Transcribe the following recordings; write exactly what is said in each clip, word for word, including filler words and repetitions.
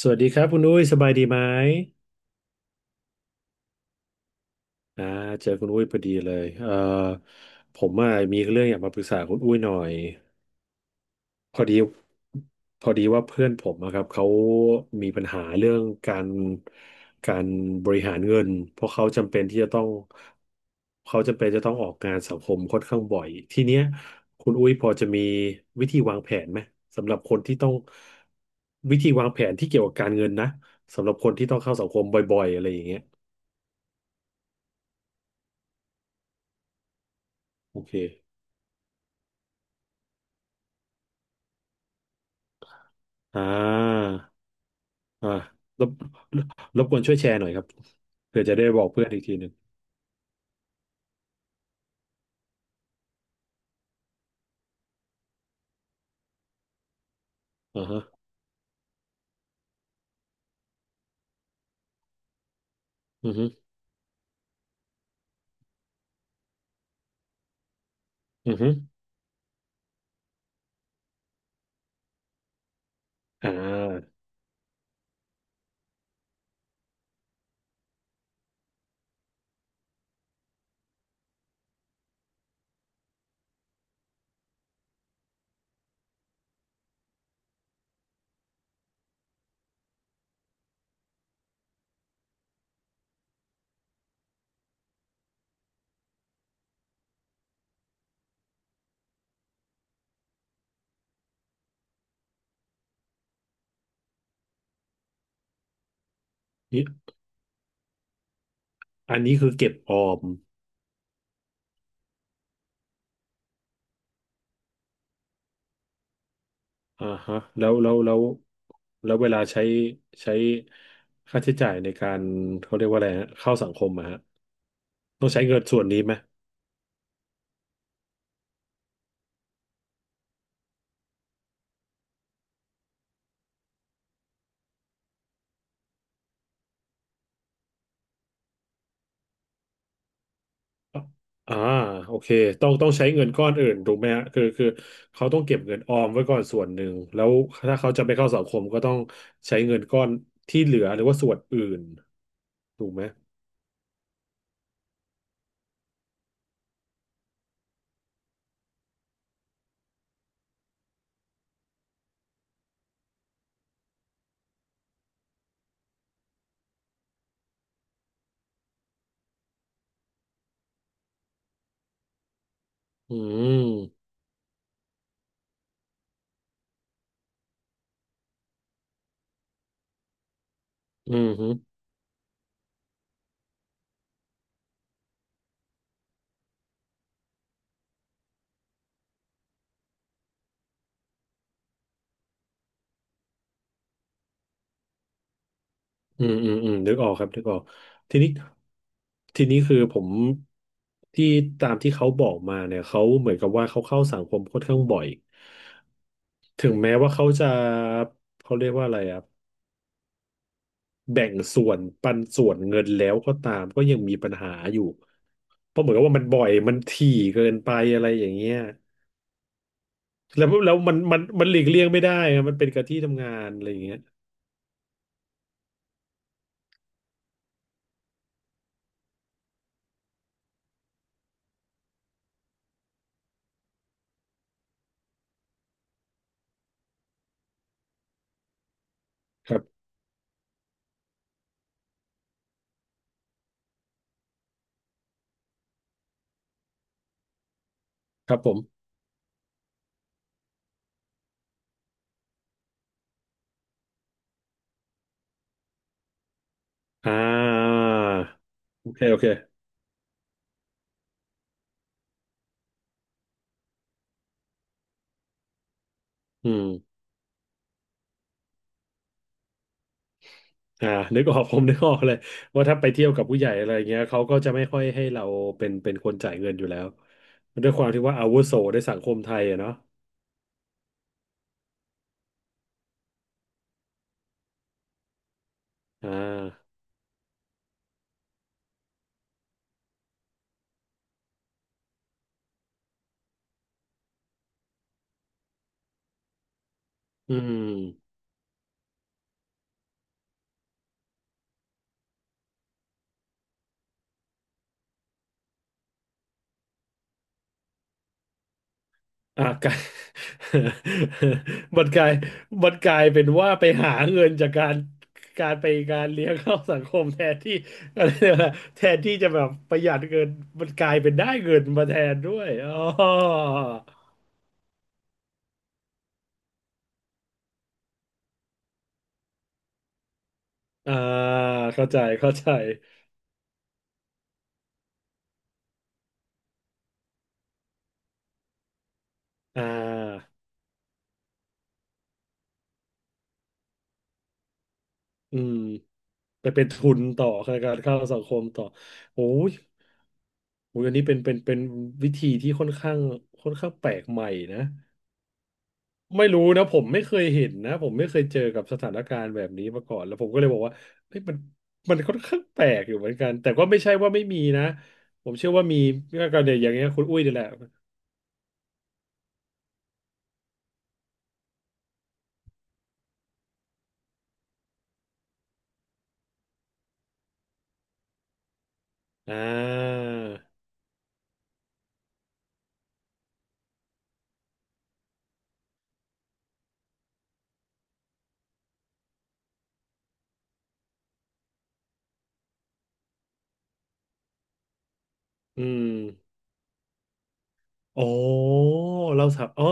สวัสดีครับคุณอุ้ยสบายดีไหมอ่าเจอคุณอุ้ยพอดีเลยเอ่อผมอ่ะมีเรื่องอยากมาปรึกษาคุณอุ้ยหน่อยพอดีพอดีว่าเพื่อนผมอะครับเขามีปัญหาเรื่องการการบริหารเงินเพราะเขาจำเป็นที่จะต้องเขาจำเป็นจะต้องออกงานสังคมค่อนข้างบ่อยทีเนี้ยคุณอุ้ยพอจะมีวิธีวางแผนไหมสำหรับคนที่ต้องวิธีวางแผนที่เกี่ยวกับการเงินนะสำหรับคนที่ต้องเข้าสังคมบ่อยๆอะไรอย่างเงี้ย โอเคอ่าอ่ารบรบกวนช่วยแชร์หน่อยครับเพื่อจะได้บอกเพื่อนอีกทีหนึ่งอ่าฮะอือฮึอือฮึอ่านี่อันนี้คือเก็บออมอ่าฮะแล้วแล้วแล้วแล้วเวลาใช้ใช้ค่าใช้จ่ายในการเขาเรียกว่าอะไรฮะเข้าสังคมอะฮะต้องใช้เงินส่วนนี้ไหม อ่าโอเคต้องต้องใช้เงินก้อนอื่นถูกไหมฮะคือคือเขาต้องเก็บเงินออมไว้ก่อนส่วนหนึ่ง แล้วถ้าเขาจะไปเข้าสังคมก็ต้องใช้เงินก้อนที่เหลือหรือว่าส่วนอื่นถูกไหมอืมอืมฮึอืมอืมอืมนึกออกครับนึกออกทีนี้ทีนี้คือผมที่ตามที่เขาบอกมาเนี่ย เขาเหมือนกับว่าเขาเข้าสังคมค่อนข้างบ่อยถึงแม้ว่าเขาจะเขาเรียกว่าอะไรอ่ะ แบ่งส่วนปันส่วนเงินแล้วก็ตามก็ยังมีปัญหาอยู่เพราะเหมือนกับว่ามันบ่อยมันถี่เกินไปอะไรอย่างเงี้ยแล้วแล้วมันมันมันหลีกเลี่ยงไม่ได้อะมันเป็นกับที่ทำงานอะไรอย่างเงี้ยครับครับผมอ่าโอเคโอเคอืมอ่านึกออกผมนึกออกเลยว่าถ้าไปเที่ยวกับผู้ใหญ่อะไรเงี้ยเขาก็จะไม่ค่อยให้เราเป็นเป็นคนจ่ายเงินอยู่แล้วด้วยความที่ว่าอาวุโสในสังคมไทยอะเนาะอ่าอืม อ่ะกลาย มันกลายมันกลายเป็นว่าไปหาเงินจากการการไปการเลี้ยงเข้าสังคมแทนที่อะไรเนี่ยนะแทนที่จะแบบประหยัดเงินมันกลายเป็นได้เงินมาแทนด้วยอ๋ออ่าเข้าใจเข้าใจอ่าอืมไปเป็นทุนต่อในการเข้าสังคมต่อโอ้ยโอ้ยอันนี้เป็นเป็นเป็นวิธีที่ค่อนข้างค่อนข้างแปลกใหม่นะ ไม่รู้นะผมไม่เคยเห็นนะผมไม่เคยเจอกับสถานการณ์แบบนี้มาก่อนแล้วผมก็เลยบอกว่าเฮ้ยมันมันค่อนข้างแปลกอยู่เหมือนกันแต่ก็ไม่ใช่ว่าไม่มีนะผมเชื่อว่ามีก็เนี่ยอย่างเงี้ยคุณอุ้ยนี่แหละอ่าอืม อ๋อเราสับอ๋อ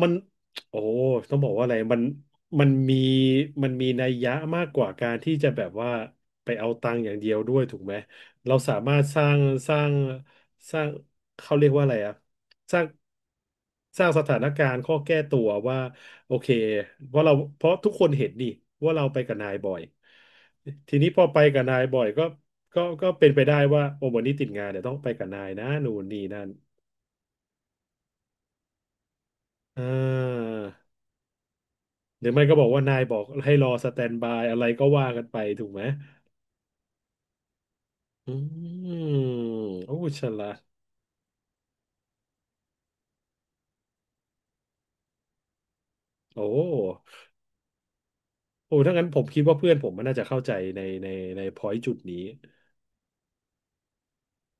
มันโอ้ต้องบอกว่าอะไรมันมันมีมันมีนัยยะมากกว่าการที่จะแบบว่าไปเอาตังค์อย่างเดียวด้วยถูกไหมเราสามารถสร้างสร้างสร้างเขาเรียกว่าอะไรอะสร้างสร้างสถานการณ์ข้อแก้ตัวว่าโอเคเพราะเราเพราะทุกคนเห็นนี่ว่าเราไปกับนายบ่อยทีนี้พอไปกับนายบ่อยก็ก็ก็เป็นไปได้ว่าโอ้วันนี้ติดงานเดี๋ยวต้องไปกับนายนะนู่นนี่นั่น อ่าหรือไม่ก็บอกว่านายบอกให้รอสแตนบายอะไรก็ว่ากันไปถูกไหมอืมโอ้ฉลาดโอ้โอ้ถ้างั้นผมคิดว่าเพื่อนผมมันน่าจะเข้าใจในในในพอยต์จุดนี้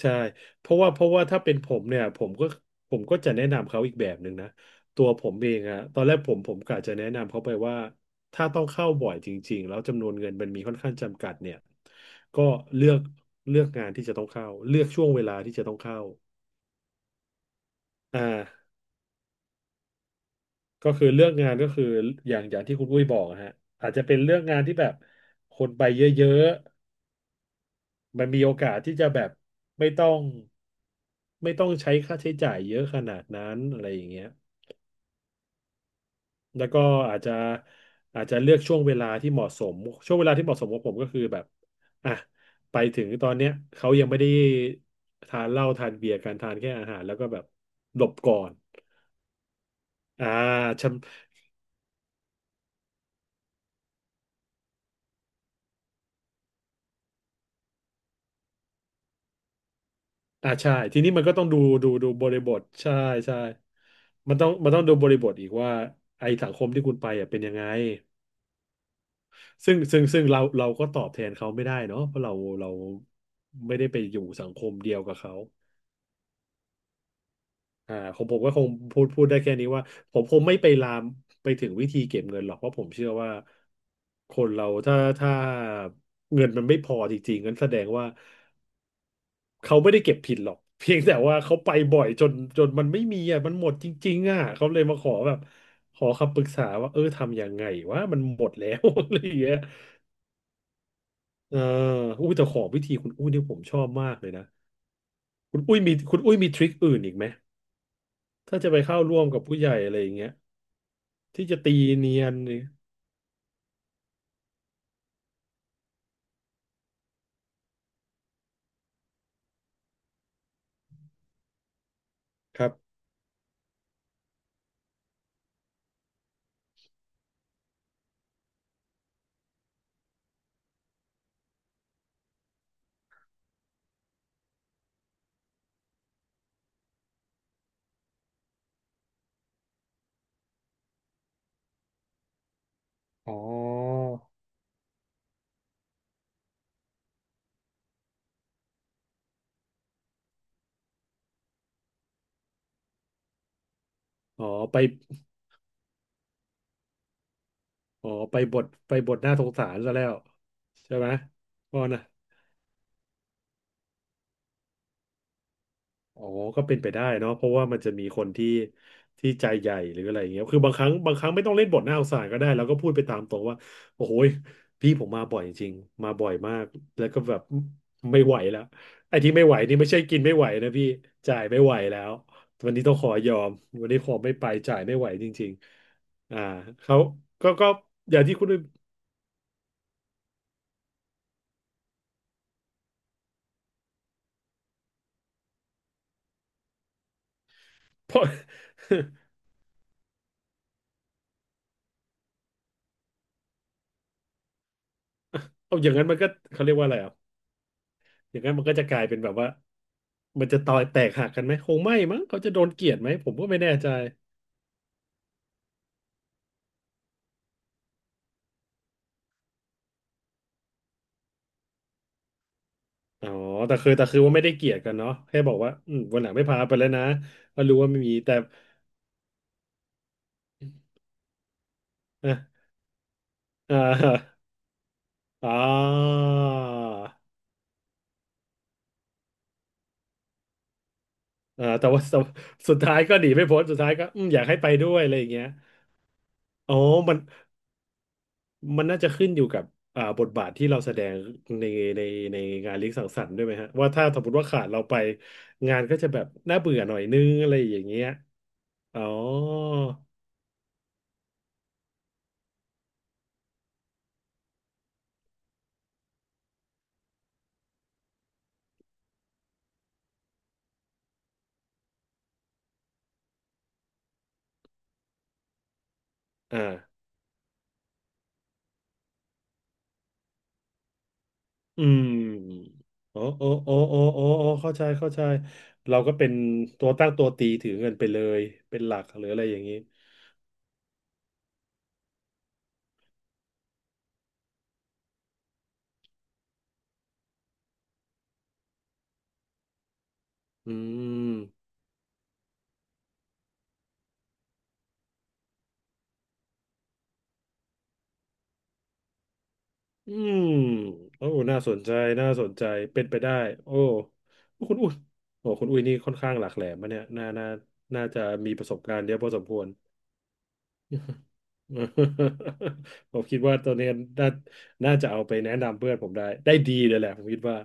ใช่เพราะว่าเพราะว่าถ้าเป็นผมเนี่ยผมก็ผมก็จะแนะนำเขาอีกแบบหนึ่งนะตัวผมเองอะตอนแรกผมผมกะจะแนะนำเขาไปว่าถ้าต้องเข้าบ่อยจริงๆแล้วจำนวนเงินมันมีค่อนข้างจำกัดเนี่ยก็เลือกเลือกงานที่จะต้องเข้าเลือกช่วงเวลาที่จะต้องเข้าอ่า ก็คือเลือกงานก็คืออย่างอย่างที่คุณอุ้ยบอกอะฮะอาจจะเป็นเลือกงานที่แบบคนไปเยอะๆมันมีโอกาสที่จะแบบไม่ต้องไม่ต้องใช้ค่าใช้จ่ายเยอะขนาดนั้นอะไรอย่างเงี้ยแล้วก็อาจจะอาจจะเลือกช่วงเวลาที่เหมาะสมช่วงเวลาที่เหมาะสมของผมก็คือแบบอ่ะไปถึงตอนเนี้ยเขายังไม่ได้ทานเหล้าทานเบียร์กันทานแค่อาหารแล้วก็แบบหลบก่อนอ่า อ่าใช่ทีนี้มันก็ต้องดูดูดูบริบทใช่ใช่มันต้องมันต้องดูบริบทอีกว่าไอสังคมที่คุณไปอ่ะเป็นยังไงซึ่งซึ่งซึ่งเราเราก็ตอบแทนเขาไม่ได้เนาะเพราะเราเราไม่ได้ไปอยู่สังคมเดียวกับเขาอ่าของผมก็คงพูดพูดได้แค่นี้ว่าผมคงไม่ไปลามไปถึงวิธีเก็บเงินหรอกเพราะผมเชื่อว่าคนเราถ้าถ้าเงินมันไม่พอจริงๆงั้นแสดงว่า เขาไม่ได้เก็บผิดหรอก เพียงแต่ว่าเขาไปบ่อยจนจนมันไม่มีอ่ะมันหมดจริงๆอ่ะเขาเลยมาขอแบบขอคำปรึกษาว่าเออทำยังไงวะมันหมดแล้ว อะไรอย่างเงี้ยเอออุ้ยแต่ขอวิธีคุณอุ้ยเนี่ยผมชอบมากเลยนะคุณอุ้ยมีคุณอุ้ยมีทริคอื่นอีกไหมถ้าจะไปเข้าร่วมกับผู้ใหญ่อะไรอย่างเงี้ยที่จะตีเนียนนี่ครับอ๋ออ๋อไปอ๋อไปบทไปบทหน้าสงสารซะแล้วใช่ไหมพ่อนะ อ๋อก็เป็นไปได้เนาะเพราะว่ามันจะมีคนที่ที่ใจใหญ่หรืออะไรอย่างเงี้ยคือบางครั้งบางครั้งไม่ต้องเล่นบทหน้าสงสารก็ได้แล้วก็พูดไปตามตรงว่าโอ้โหยพี่ผมมาบ่อยจริงมาบ่อยมาก แล้วก็แบบไม่ไหวแล้วไอ้ที่ไม่ไหวนี่ไม่ใช่กินไม่ไหวนะพี่ จ่ายไม่ไหวแล้ววันนี้ต้องขอยอมวันนี้ขอไม่ไปจ่ายไม่ไหวจริงๆอ่าเขาก็ก็อย่างที่คุณ เพราะ เอาอย่างนั้นมันก็เขาเรียกว่าอะไรอ่ะ อย่างนั้นมันก็จะกลายเป็นแบบว่ามันจะต่อยแตกหักกันไหมคงไม่มั้งเขาจะโดนเกลียดไหมผมก็ไม่แน่ใจอ๋อแต่คือแต่คือว่าไม่ได้เกลียดกันเนาะแค่บอกว่าอืมวันหลังไม่พาไปแล้วนะก็รู้ว่าไม่มีแต่อ่ะอ่าอ่าอ่าแต่ว่าแต่ว่าสุดท้ายก็หนีไม่พ้นสุดท้ายก็อืมอยากให้ไปด้วยอะไรอย่างเงี้ยอ๋อมันมันน่าจะขึ้นอยู่กับอ่าบทบาทที่เราแสดงในในในงานเลี้ยงสังสรรค์ด้วยไหมฮะว่าถ้าสมมติว่าขาดเราไปงานก็จะแบบน่าเบื่อหน่อยนึงอะไรอย่างเงี้ย อ๋ออ่าอืมโอ้โอ้โอ้โอ้โอ้โอ้เข้าใจเข้าใจ เราก็เป็นตัวตั้งตัวตีถือเงินไปเลย เป็นหลักหรืออะไรอย่างนี้อืมอืมโอ้น่าสนใจน่าสนใจ เป็นไปได้โอ้คุณอุ้ยโอ้คุณอุ้ยนี่ค่อนข้างหลากแหลมมะเนี่ยน่าน่าน่าจะมีประสบการณ์เยอะพอสมควร ผมคิดว่าตัวเนี้ยน่าน่าจะเอาไปแนะนำเพื่อนผมได้ ได้ดีเลยแหละผมคิดว่า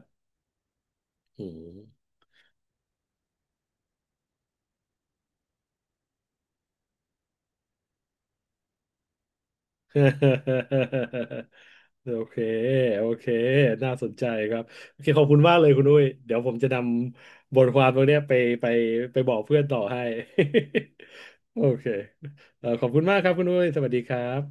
อืม โอเค โอเค น่าสนใจครับ โอเค ขอบคุณมากเลยคุณอุ้ยเดี๋ยวผมจะนำบทความตรงเนี้ยไปไปไปบอกเพื่อนต่อให้ โอเคเอ่อขอบคุณมากครับคุณอุ้ยสวัสดีครับ